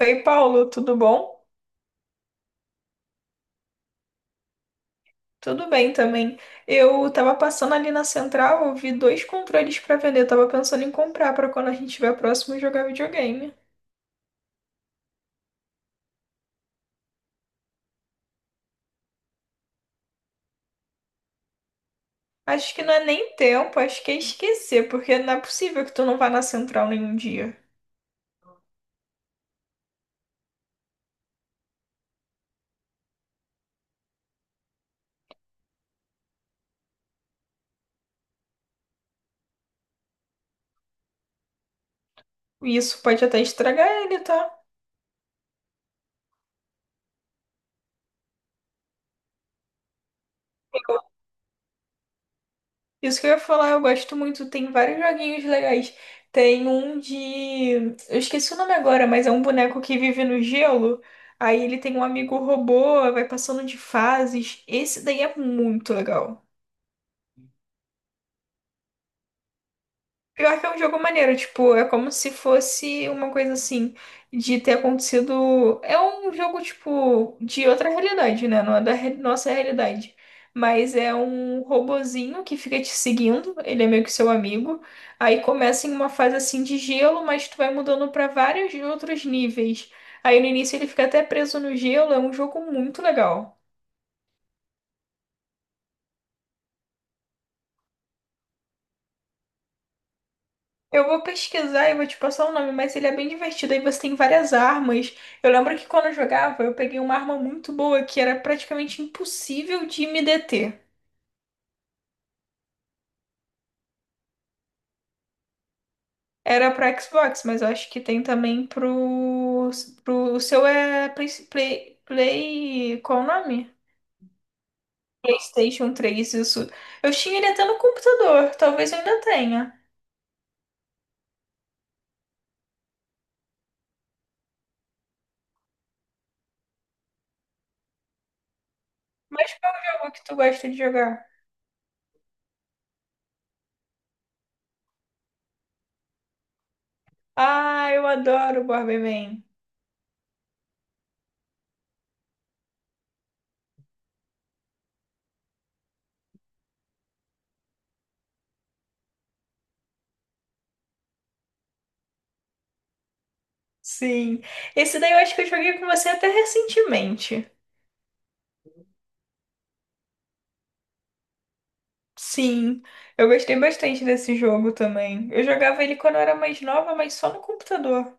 Oi, Paulo, tudo bom? Tudo bem também. Eu tava passando ali na central, eu vi dois controles pra vender. Eu tava pensando em comprar pra quando a gente estiver próximo jogar videogame. Acho que não é nem tempo, acho que é esquecer, porque não é possível que tu não vá na central nenhum dia. E isso pode até estragar ele, tá? Isso que eu ia falar, eu gosto muito. Tem vários joguinhos legais. Tem um de. Eu esqueci o nome agora, mas é um boneco que vive no gelo. Aí ele tem um amigo robô, vai passando de fases. Esse daí é muito legal. Pior que é um jogo maneiro, tipo, é como se fosse uma coisa assim, de ter acontecido. É um jogo, tipo, de outra realidade, né? Não é da nossa realidade. Mas é um robozinho que fica te seguindo, ele é meio que seu amigo. Aí começa em uma fase assim de gelo, mas tu vai mudando pra vários outros níveis. Aí no início ele fica até preso no gelo, é um jogo muito legal. Eu vou pesquisar e vou te passar o nome, mas ele é bem divertido. Aí você tem várias armas. Eu lembro que quando eu jogava, eu peguei uma arma muito boa que era praticamente impossível de me deter. Era para Xbox, mas eu acho que tem também pro o seu é qual o nome? PlayStation 3 isso. Eu tinha ele até no computador, talvez eu ainda tenha. Mas qual é o jogo que tu gosta de jogar? Ah, eu adoro Bomberman. Sim. Esse daí eu acho que eu joguei com você até recentemente. Sim, eu gostei bastante desse jogo também. Eu jogava ele quando eu era mais nova, mas só no computador.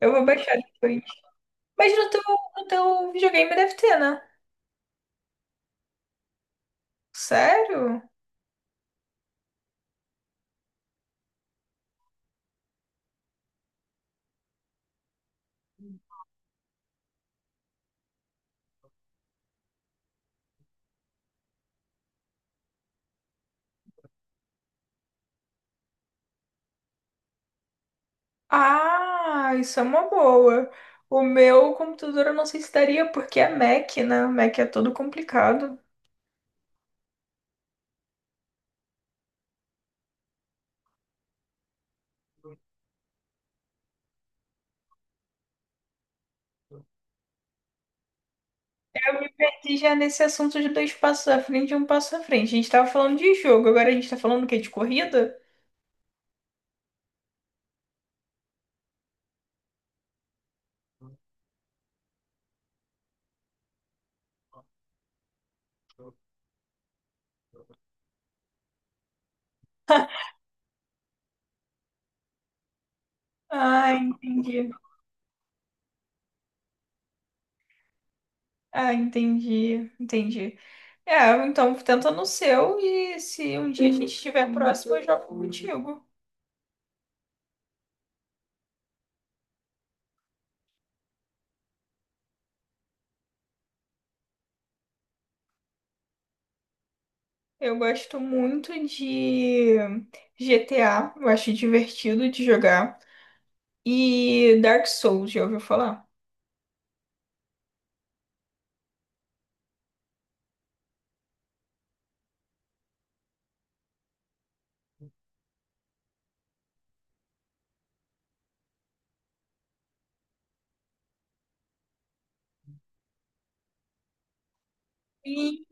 Eu vou baixar depois. Mas no teu videogame deve ter, né? Sério? Ah, isso é uma boa. O meu computador eu não sei se daria, porque é Mac, né? Mac é todo complicado. E já nesse assunto de dois passos à frente e um passo à frente. A gente tava falando de jogo, agora a gente tá falando o quê? De corrida? Ah, entendi. Ah, entendi. É, então tenta no seu e se um dia a gente estiver próximo, eu jogo contigo. Eu gosto muito de GTA, eu acho divertido de jogar. E Dark Souls, já ouviu falar? E,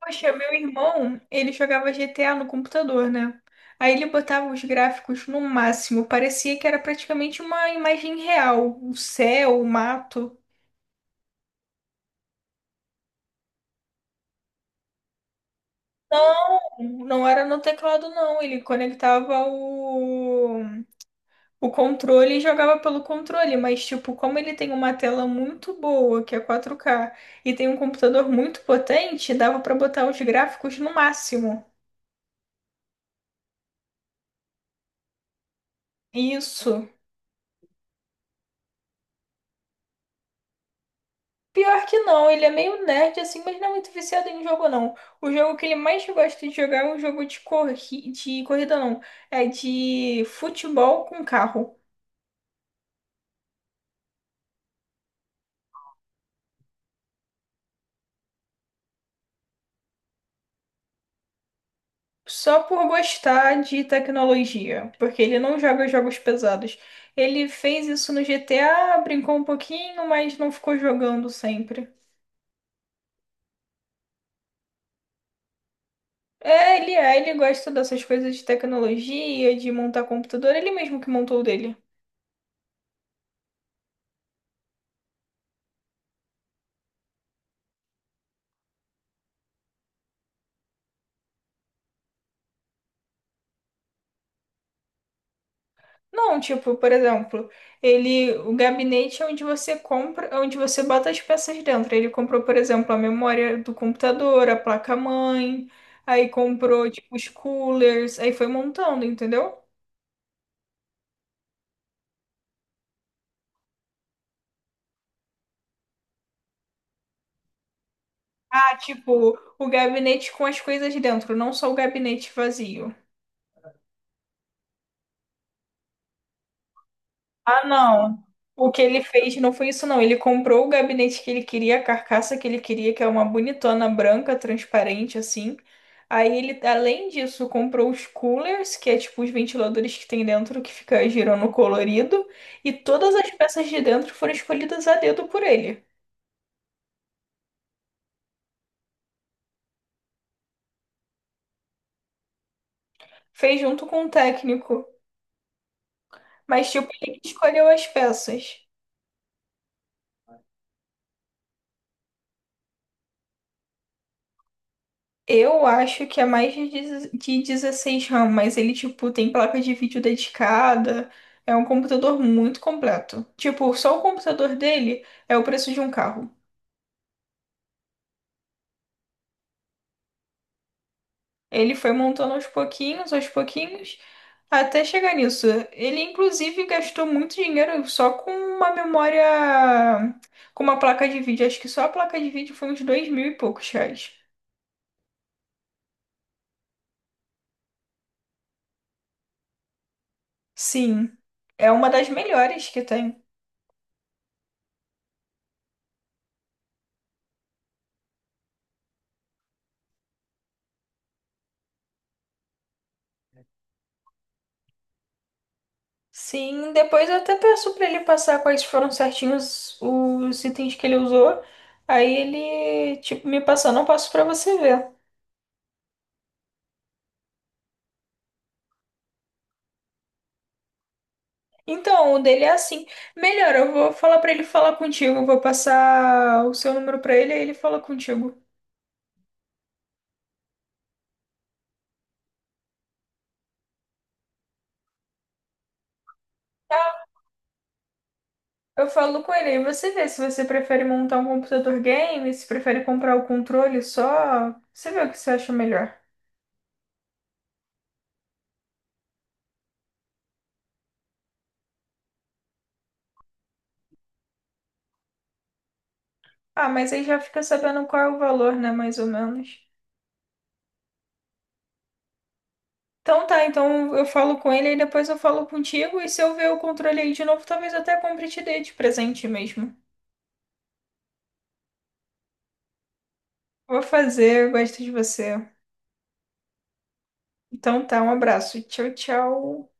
poxa, meu irmão, ele jogava GTA no computador, né? Aí ele botava os gráficos no máximo, parecia que era praticamente uma imagem real, o céu, o mato. Não, não era no teclado, não. Ele conectava o controle e jogava pelo controle. Mas, tipo, como ele tem uma tela muito boa, que é 4K, e tem um computador muito potente, dava pra botar os gráficos no máximo. Isso. Pior que não, ele é meio nerd assim, mas não é muito viciado em jogo, não. O jogo que ele mais gosta de jogar é um jogo de, corri de corrida, não. É de futebol com carro. Só por gostar de tecnologia, porque ele não joga jogos pesados. Ele fez isso no GTA, brincou um pouquinho, mas não ficou jogando sempre. É, ele gosta dessas coisas de tecnologia, de montar computador, ele mesmo que montou o dele. Não, tipo, por exemplo, ele, o gabinete é onde você compra, é onde você bota as peças dentro. Ele comprou, por exemplo, a memória do computador, a placa-mãe, aí comprou, tipo, os coolers, aí foi montando, entendeu? Tipo, o gabinete com as coisas dentro, não só o gabinete vazio. Ah, não. O que ele fez não foi isso, não. Ele comprou o gabinete que ele queria, a carcaça que ele queria, que é uma bonitona branca, transparente, assim. Aí ele, além disso, comprou os coolers, que é tipo os ventiladores que tem dentro, que fica girando colorido. E todas as peças de dentro foram escolhidas a dedo por ele. Fez junto com o técnico. Mas, tipo, ele que escolheu as peças. Eu acho que é mais de 10 de 16 RAM, mas ele, tipo, tem placa de vídeo dedicada. É um computador muito completo. Tipo, só o computador dele é o preço de um carro. Ele foi montando aos pouquinhos, até chegar nisso. Ele, inclusive, gastou muito dinheiro só com uma memória, com uma placa de vídeo. Acho que só a placa de vídeo foi uns dois mil e poucos reais. Sim, é uma das melhores que tem. Sim, depois eu até peço pra ele passar quais foram certinhos os itens que ele usou. Aí ele, tipo, me passando, eu passo pra você ver. Então, o dele é assim. Melhor, eu vou falar pra ele falar contigo. Eu vou passar o seu número pra ele, aí ele fala contigo. Eu falo com ele, aí você vê se você prefere montar um computador game, se prefere comprar o controle só. Você vê o que você acha melhor. Ah, mas aí já fica sabendo qual é o valor, né? Mais ou menos. Então tá, então eu falo com ele e depois eu falo contigo. E se eu ver o controle aí de novo, talvez eu até compre e te dê de presente mesmo. Vou fazer, eu gosto de você. Então tá, um abraço. Tchau, tchau.